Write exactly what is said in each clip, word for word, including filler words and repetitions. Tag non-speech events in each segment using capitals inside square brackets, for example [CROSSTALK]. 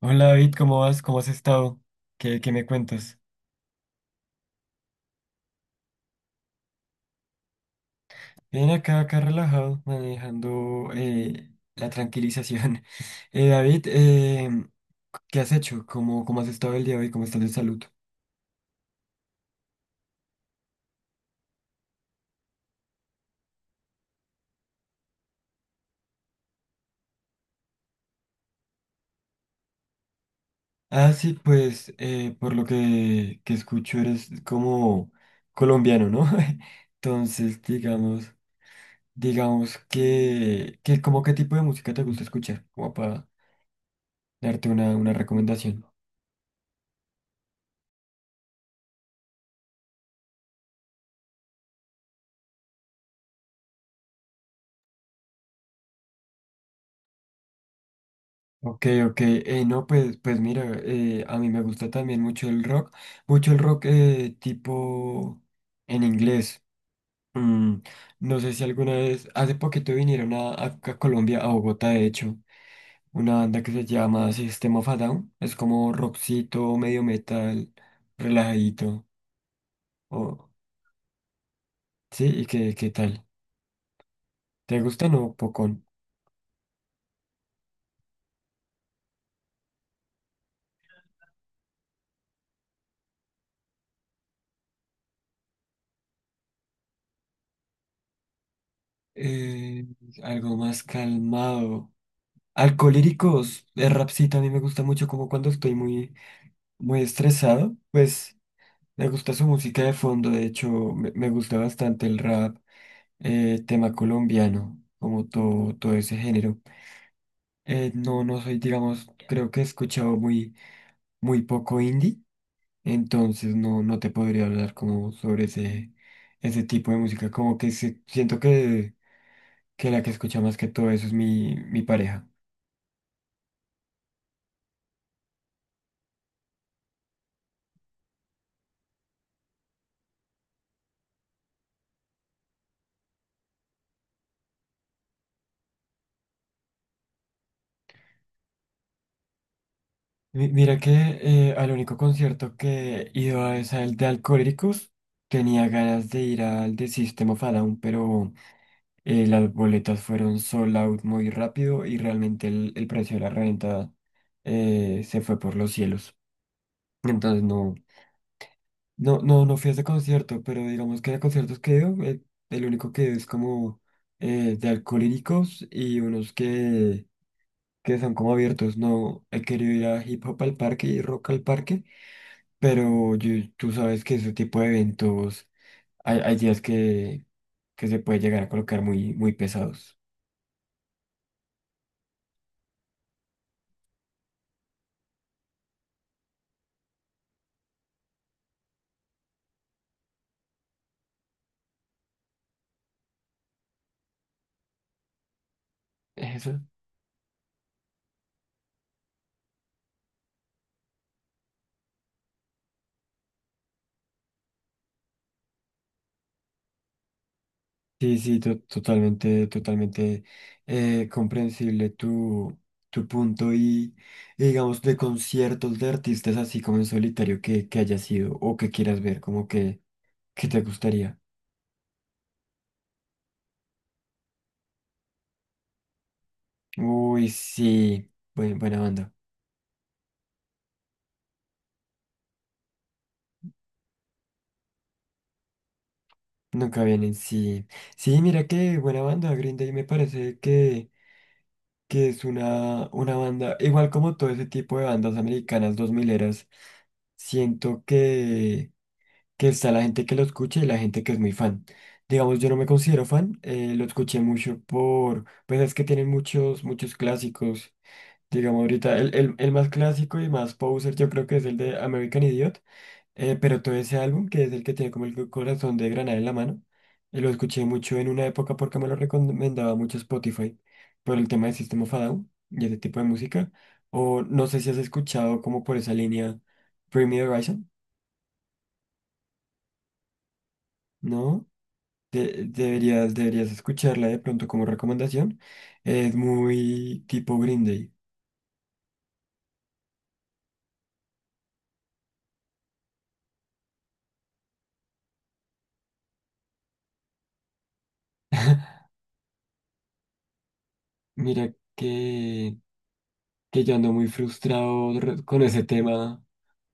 Hola David, ¿cómo vas? ¿Cómo has estado? Qué, qué me cuentas? Bien, acá, acá relajado, manejando eh, la tranquilización. [LAUGHS] Eh, David, eh, ¿qué has hecho? ¿Cómo, cómo has estado el día de hoy? ¿Cómo estás de salud? Ah, sí, pues eh, por lo que, que escucho eres como colombiano, ¿no? [LAUGHS] Entonces, digamos, digamos que, que como qué tipo de música te gusta escuchar, como para darte una, una recomendación. Ok, ok, eh, no, pues, pues mira, eh, a mí me gusta también mucho el rock, mucho el rock eh, tipo en inglés. Mm, no sé si alguna vez, hace poquito vinieron a, a- a Colombia, a Bogotá, de hecho, una banda que se llama System of a Down, es como rockcito, medio metal, relajadito, o sí, ¿y qué, qué tal? ¿Te gusta o no, Pocón? Eh, algo más calmado. Alcolíricos, el rapcito a mí me gusta mucho como cuando estoy muy muy estresado, pues me gusta su música de fondo, de hecho me, me gusta bastante el rap, eh, tema colombiano, como todo, todo ese género. Eh, no, no soy, digamos, creo que he escuchado muy, muy poco indie, entonces no, no te podría hablar como sobre ese, ese tipo de música, como que se- siento que, que la que escucha más que todo eso es mi, mi pareja. Mi- Mira que eh, al único concierto que he ido a es al de Alcohólicos. Tenía ganas de ir al de System of a Down, pero eh, las boletas fueron sold out muy rápido y realmente el, el precio de la reventa eh, se fue por los cielos. Entonces no, no, no, no fui a ese concierto, pero digamos que de conciertos que he ido, eh, el único que he ido es como eh, de Alcohólicos y unos que, que son como abiertos. No he querido ir a Hip Hop al Parque y Rock al Parque. Pero yo- tú sabes que ese tipo de eventos, hay, hay días que, que se puede llegar a colocar muy, muy pesados. Eso. Sí, sí, to- totalmente, totalmente eh, comprensible tu, tu punto y, y digamos de conciertos de artistas así como en solitario que, que hayas sido o que quieras ver, como que, que te gustaría. Uy, sí, buen- buena banda. Nunca vienen, sí. Sí, mira que buena banda, Green Day me parece que... que es una, una banda, igual como todo ese tipo de bandas americanas dos mileras, siento que, que está la gente que lo escucha y la gente que es muy fan. Digamos, yo no me considero fan, eh, lo escuché mucho por, pues es que tienen muchos, muchos clásicos. Digamos, ahorita el, el, el más clásico y más poser yo creo que es el de American Idiot. Eh, pero todo ese álbum, que es el que tiene como el corazón de granada en la mano, eh, lo escuché mucho en una época porque me lo recomendaba mucho Spotify por el tema de System of a Down y ese tipo de música. O no sé si has escuchado como por esa línea Bring Me the Horizon, ¿no? De- deberías, deberías escucharla de pronto como recomendación. Es muy tipo Green Day. [LAUGHS] Mira que, que yo ando muy frustrado re- con ese tema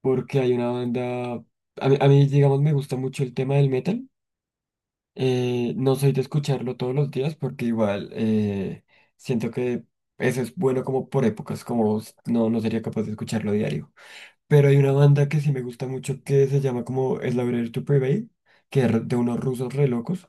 porque hay una banda, a mí, a mí, digamos, me gusta mucho el tema del metal. Eh, no soy de escucharlo todos los días porque igual eh, siento que eso es bueno como por épocas, como s- no, no sería capaz de escucharlo diario. Pero hay una banda que sí me gusta mucho que se llama como Slavery to Prevail, que es de unos rusos re locos.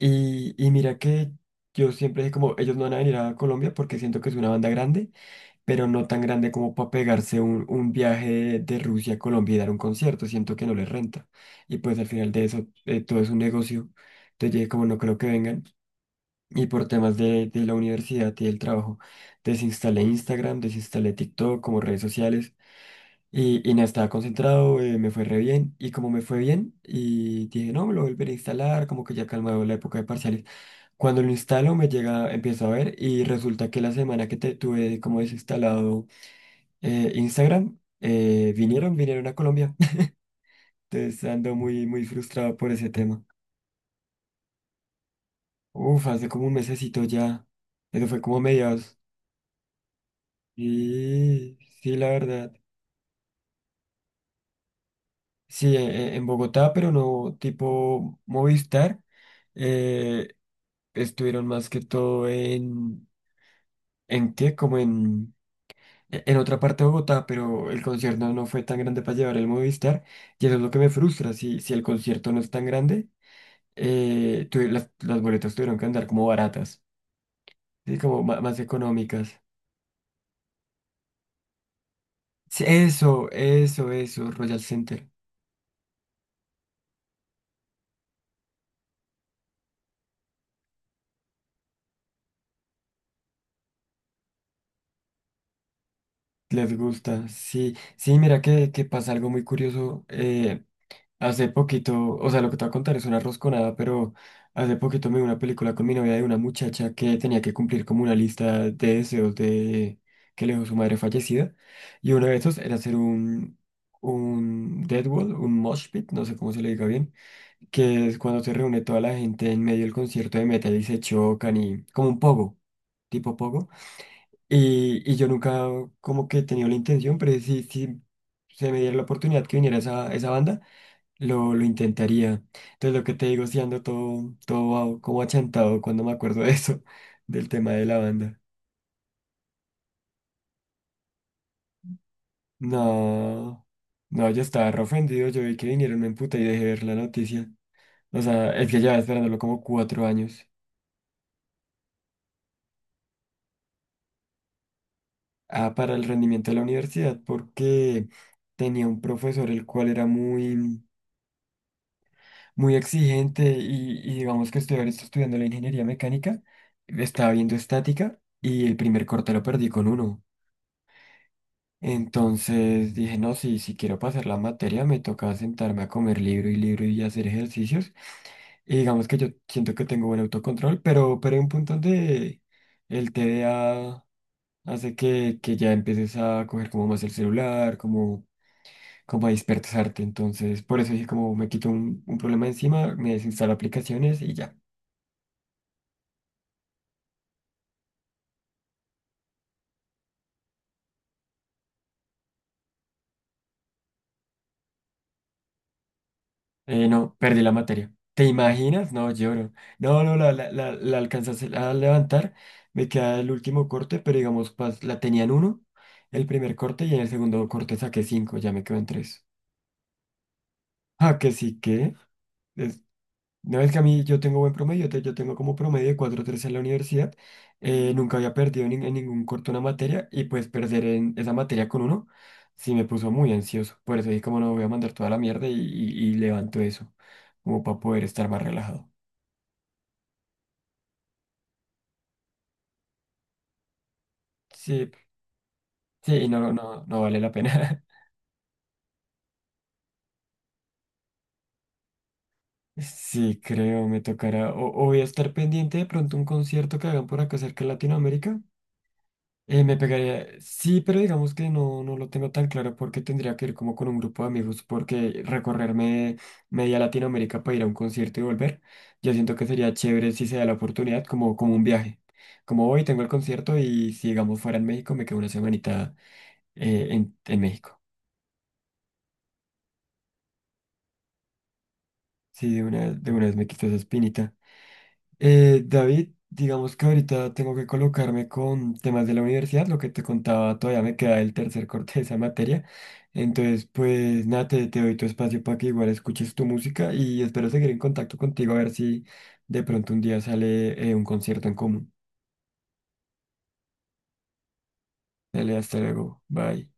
Y, y mira que yo siempre dije como ellos no van a venir a Colombia porque siento que es una banda grande pero no tan grande como para pegarse un, un viaje de, de Rusia a Colombia y dar un concierto. Siento que no les renta. Y pues al final de eso, eh, todo es un negocio. Entonces yo dije, como no creo que vengan. Y por temas de, de la universidad y del trabajo, desinstalé Instagram, desinstalé TikTok como redes sociales. Y, y nada, estaba concentrado, eh, me fue re bien. Y como me fue bien, y dije, no, me lo volveré a instalar, como que ya calmado la época de parciales. Cuando lo instalo, me llega, empiezo a ver, y resulta que la semana que te tuve como desinstalado eh, Instagram, eh, vinieron, vinieron a Colombia. [LAUGHS] Entonces ando muy, muy frustrado por ese tema. Uf, hace como un mesecito ya. Eso fue como a mediados. Sí, sí, la verdad. Sí, e- e- en Bogotá, pero no tipo Movistar. eh, estuvieron más que todo en... ¿En qué? Como en... e- En otra parte de Bogotá, pero el concierto no fue tan grande para llevar el Movistar. Y eso es lo que me frustra. Si, si el concierto no es tan grande. eh, tuve- las, las boletas tuvieron que andar como baratas, ¿sí? Como ma- más, económicas. Sí, Eso, eso, eso, Royal Center. Les gusta, sí, sí, mira que, que pasa algo muy curioso. eh, Hace poquito, o sea, lo que te voy a contar es una rosconada, pero hace poquito me vi una película con mi novia de una muchacha que tenía que cumplir como una lista de deseos de que le dejó su madre fallecida. Y uno de esos era hacer un, un dead wall, un mosh pit, no sé cómo se le diga bien, que es cuando se reúne toda la gente en medio del concierto de metal y se chocan y como un pogo, tipo pogo. Y, y yo nunca como que he tenido la intención, pero si, si se me diera la oportunidad que viniera esa, esa banda. Lo, lo intentaría. Entonces, lo que te digo, si ando todo, todo como achantado cuando me acuerdo de eso, [LAUGHS] del tema de la banda. No, no, yo estaba re ofendido. Yo vi que vinieron, me emputé y dejé de ver la noticia. O sea, es que llevaba esperándolo como cuatro años. Ah, para el rendimiento de la universidad, porque tenía un profesor el cual era muy, muy exigente y, y digamos que estudiar esto estudiando la ingeniería mecánica, estaba viendo estática y el primer corte lo perdí con uno. Entonces dije, no, si, si quiero pasar la materia, me toca sentarme a comer libro y libro y hacer ejercicios. Y digamos que yo siento que tengo buen autocontrol, pero, pero hay un punto donde el T D A hace que, que ya empieces a coger como más el celular, como, como a dispersarte. Entonces, por eso dije, como me quito un, un problema encima, me desinstalo aplicaciones y ya. Eh, no, perdí la materia. ¿Te imaginas? No, lloro. No, no, la, la, la, la alcanzas a levantar. Me queda el último corte, pero digamos, pas- la tenían uno, el primer corte, y en el segundo corte saqué cinco, ya me quedo en tres. Ah, que sí, que. No es que a mí yo tengo buen promedio, te- yo tengo como promedio de cuatro tres en la universidad, eh, nunca había perdido en, nin- en ningún corto una materia y pues perder en esa materia con uno sí me puso muy ansioso, por eso dije como no voy a mandar toda la mierda y, y- y levanto eso, como para poder estar más relajado. Sí, sí, y no, no, no vale la pena. [LAUGHS] Sí, creo, me tocará, o, o voy a estar pendiente de pronto un concierto que hagan por acá cerca en Latinoamérica. Eh, me pegaría, sí, pero digamos que no, no lo tengo tan claro porque tendría que ir como con un grupo de amigos porque recorrerme media Latinoamérica para ir a un concierto y volver, yo siento que sería chévere si se da la oportunidad, como, como un viaje. Como hoy tengo el concierto y si digamos fuera en México, me quedo una semanita eh, en, en México. Sí, de una, de una vez me quito esa espinita. Eh, David, digamos que ahorita tengo que colocarme con temas de la universidad, lo que te contaba, todavía me queda el tercer corte de esa materia. Entonces, pues nada, te, te doy tu espacio para que igual escuches tu música y espero seguir en contacto contigo a ver si de pronto un día sale eh, un concierto en común. Dale, hasta luego, bye.